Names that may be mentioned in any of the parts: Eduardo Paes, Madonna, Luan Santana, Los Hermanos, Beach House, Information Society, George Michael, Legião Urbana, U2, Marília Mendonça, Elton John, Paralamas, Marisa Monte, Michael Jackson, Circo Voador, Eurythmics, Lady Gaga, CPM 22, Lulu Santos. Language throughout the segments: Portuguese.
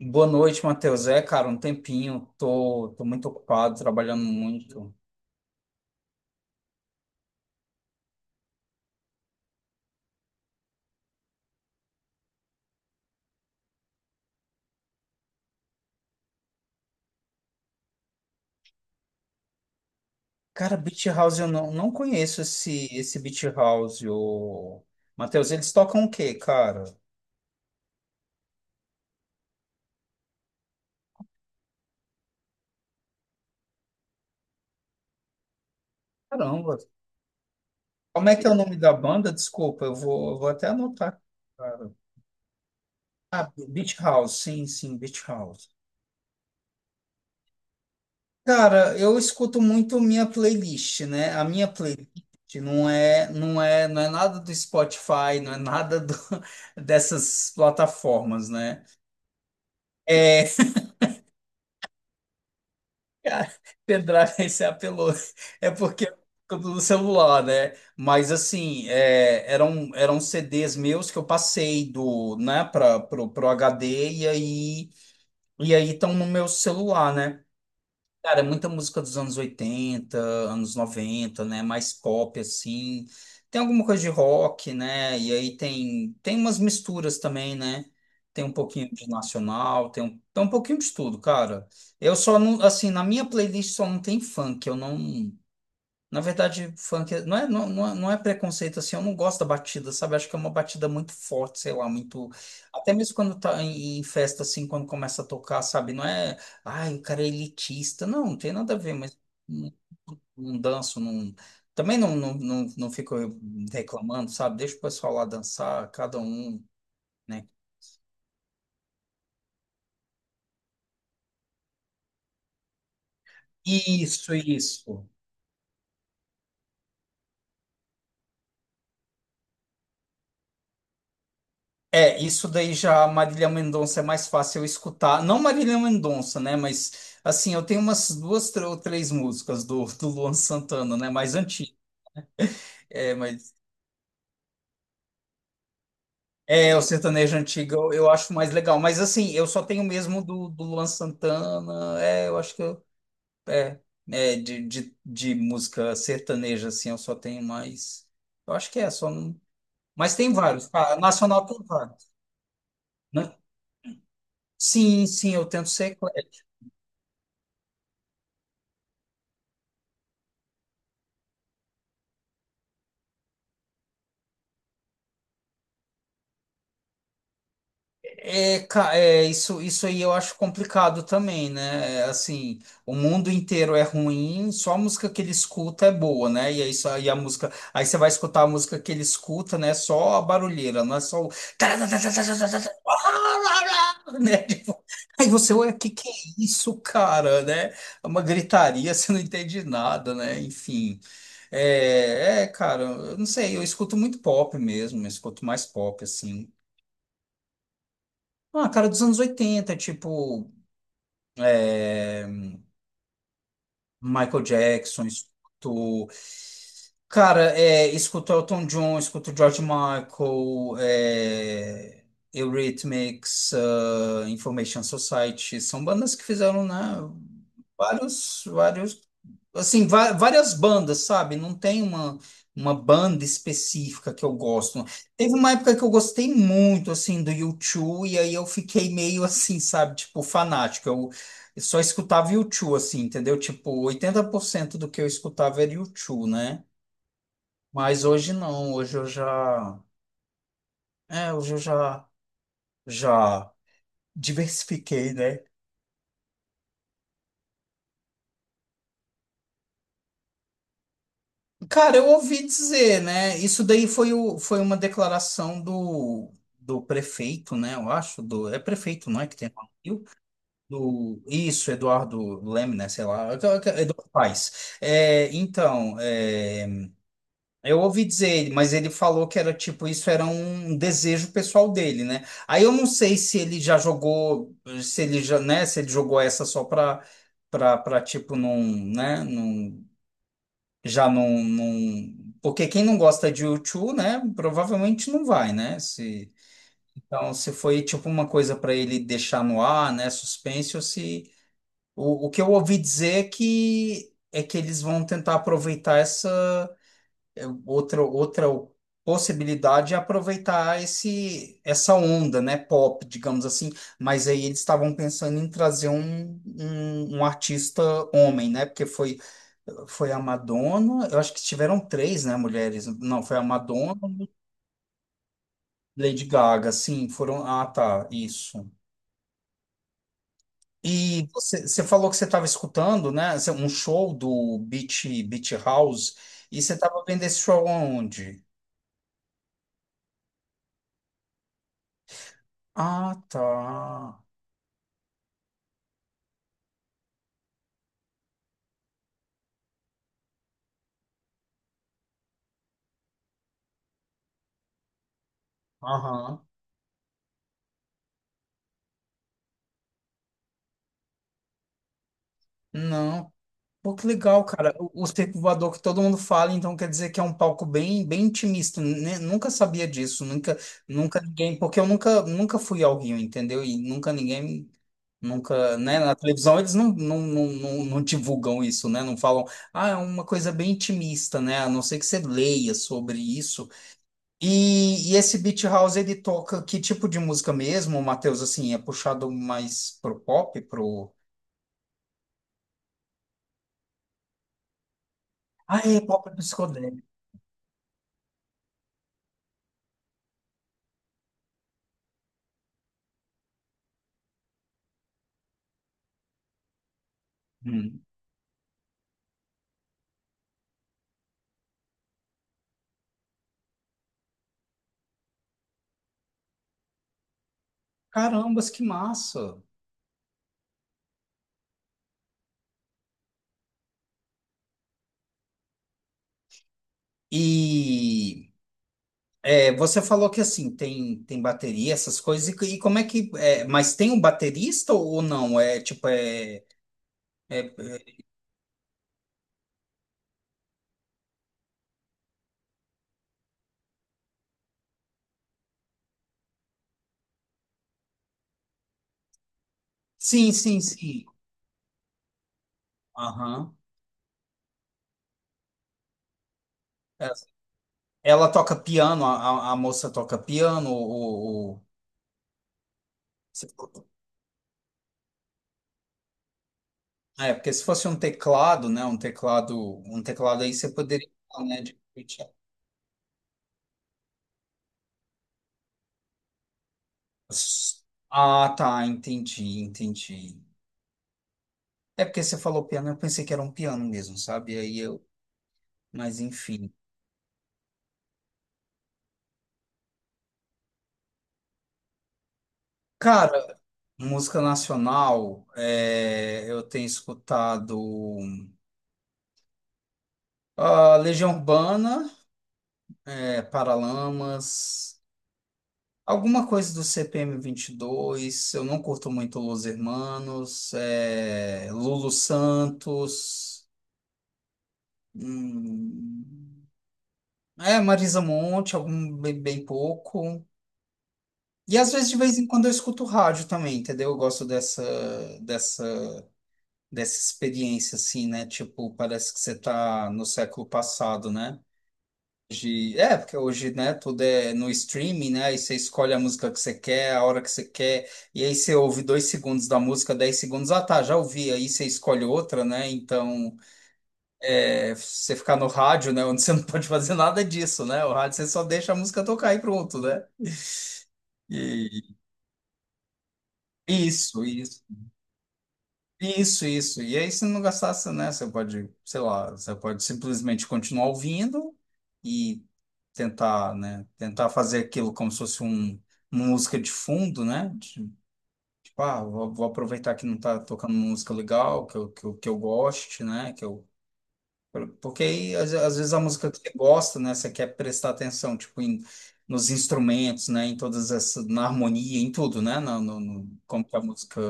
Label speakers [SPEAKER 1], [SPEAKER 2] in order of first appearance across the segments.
[SPEAKER 1] Boa noite, Matheus. É, cara, um tempinho. Tô muito ocupado, trabalhando muito. Cara, Beach House, eu não conheço esse, esse Beach House. Matheus, eles tocam o quê, cara? Caramba. Como é que é o nome da banda? Desculpa, eu vou até anotar, cara. Ah, Beach House, sim, sim, Beach House. Cara, eu escuto muito minha playlist, né? A minha playlist não é nada do Spotify, não é nada do- dessas plataformas, né? É, cara, pendrive você apelou. É porque eu tô no celular, né? Mas assim, é, eram CDs meus que eu passei do, né, pro HD e aí estão no meu celular, né? Cara, é muita música dos anos 80 anos 90, né? Mais pop, assim. Tem alguma coisa de rock, né? E aí tem umas misturas também, né? Tem um pouquinho de nacional, tem um pouquinho de tudo, cara. Eu só não, assim, na minha playlist só não tem funk, eu não. Na verdade, funk não é preconceito, assim, eu não gosto da batida, sabe? Acho que é uma batida muito forte, sei lá, muito. Até mesmo quando tá em festa, assim, quando começa a tocar, sabe? Não é, ai, o cara é elitista. Não, não tem nada a ver, mas não, não danço, não. Também não fico reclamando, sabe? Deixa o pessoal lá dançar, cada um, né? Isso, isso. É, isso daí já a Marília Mendonça é mais fácil eu escutar. Não Marília Mendonça, né? Mas assim, eu tenho umas duas ou três músicas do Luan Santana, né? Mais antiga. É, mas é o sertanejo antigo eu acho mais legal. Mas assim, eu só tenho mesmo do Luan Santana. É, eu acho que eu, é, de música sertaneja, assim, eu só tenho mais. Eu acho que é só. Mas tem vários, tá? Nacional tem vários, né? Sim, sim, eu tento ser. É, é, isso aí eu acho complicado também, né? É, assim, o mundo inteiro é ruim, só a música que ele escuta é boa, né? E aí, e a música, aí você vai escutar a música que ele escuta, né? Só a barulheira, não é só o. Né? Tipo, aí você, ué, que é isso, cara, né? É uma gritaria, você não entende nada, né? Enfim, cara, eu não sei, eu escuto muito pop mesmo, eu escuto mais pop, assim. Ah, cara, dos anos 80, tipo, é, Michael Jackson, escuto. Cara, escuto Elton John, escuto George Michael, Eurythmics, ah, Information Society. São bandas que fizeram, né, vários, assim, várias bandas, sabe? Não tem uma banda específica que eu gosto. Teve uma época que eu gostei muito, assim, do U2, e aí eu fiquei meio assim, sabe? Tipo, fanático. Eu só escutava U2, assim, entendeu? Tipo, 80% do que eu escutava era U2, né? Mas hoje não, hoje eu já... Hoje eu já, já diversifiquei, né? Cara, eu ouvi dizer, né? Isso daí foi, foi uma declaração do prefeito, né? Eu acho, do, é prefeito, não é que tem lá no Rio? Do Isso, Eduardo Leme, né? Sei lá, é Eduardo Paes. É, então, eu ouvi dizer, mas ele falou que era tipo, isso era um desejo pessoal dele, né? Aí eu não sei se ele já jogou, se ele já, né? Se ele jogou essa só pra, tipo, num, né? Já não, não... Porque quem não gosta de U2, né, provavelmente não vai, né? Se... Então, se foi tipo uma coisa para ele deixar no ar, né, suspense, ou se... O que eu ouvi dizer é que eles vão tentar aproveitar essa, outra possibilidade é aproveitar essa onda, né, pop, digamos assim. Mas aí eles estavam pensando em trazer um artista homem, né? Porque foi a Madonna, eu acho que tiveram três, né, mulheres. Não, foi a Madonna, Lady Gaga, sim, foram. Ah, tá, isso. E você falou que você estava escutando, né, um show do Beach House, e você estava vendo esse show aonde? Ah, tá. Aham. Não. Pô, que legal, cara. O Circo Voador que todo mundo fala, então quer dizer que é um palco bem, bem intimista, né? Nunca sabia disso, nunca, nunca ninguém, porque eu nunca, nunca fui ao Rio, entendeu? E nunca ninguém, nunca, né? Na televisão eles não divulgam isso, né? Não falam, ah, é uma coisa bem intimista, né? A não ser que você leia sobre isso. E esse Beat House, ele toca que tipo de música mesmo, Matheus? Assim, é puxado mais pro pop, pro. Ah, é pop psicodélico. Hum. Carambas, que massa! E é, você falou que assim tem bateria, essas coisas, e como é que é, mas tem um baterista ou não? É- sim, sim, sim. Aham. É, Ela toca piano, a moça toca piano, o se for- porque se fosse um teclado, né? Um teclado aí você poderia, né? Ah, tá, entendi, entendi. É porque você falou piano, eu pensei que era um piano mesmo, sabe? Aí eu, mas enfim. Cara, música nacional, eu tenho escutado, ah, Legião Urbana, Paralamas, alguma coisa do CPM 22. Eu não curto muito Los Hermanos, Lulu Santos, hum, Marisa Monte, algum bem, bem pouco. E às vezes, de vez em quando, eu escuto rádio também, entendeu? Eu gosto dessa, dessa experiência, assim, né? Tipo, parece que você tá no século passado, né? Porque hoje, né, tudo é no streaming, né? Aí você escolhe a música que você quer, a hora que você quer, e aí você ouve 2 segundos da música, 10 segundos, ah, tá, já ouvi, aí você escolhe outra, né? Então, você ficar no rádio, né, onde você não pode fazer nada disso, né? O rádio você só deixa a música tocar e pronto, né? E, isso, isso. Isso, isso. E aí, se não gastasse, né? Você pode, sei lá, você pode simplesmente continuar ouvindo e tentar, né? Tentar fazer aquilo como se fosse uma música de fundo, né? Tipo, ah, vou aproveitar que não tá tocando música legal, que eu goste, né? Porque aí, às vezes, a música que você gosta, né? Você quer prestar atenção, tipo, nos instrumentos, né? Em todas essas, na harmonia, em tudo, né? Como que a música.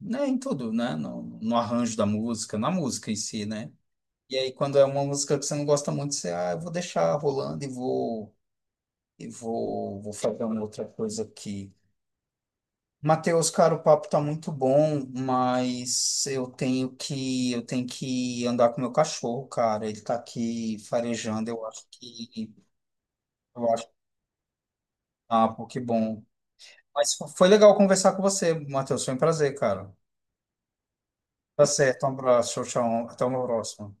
[SPEAKER 1] Né, em tudo, né? No arranjo da música, na música em si, né? E aí, quando é uma música que você não gosta muito, você, ah, eu vou deixar rolando e vou, e vou fazer uma outra coisa aqui. Matheus, cara, o papo tá muito bom, mas eu tenho que andar com o meu cachorro, cara. Ele tá aqui farejando, eu acho que, eu acho, ah, pô, que bom. Mas foi legal conversar com você, Matheus, foi um prazer, cara. Tá certo, um abraço, tchau, tchau, até uma próxima.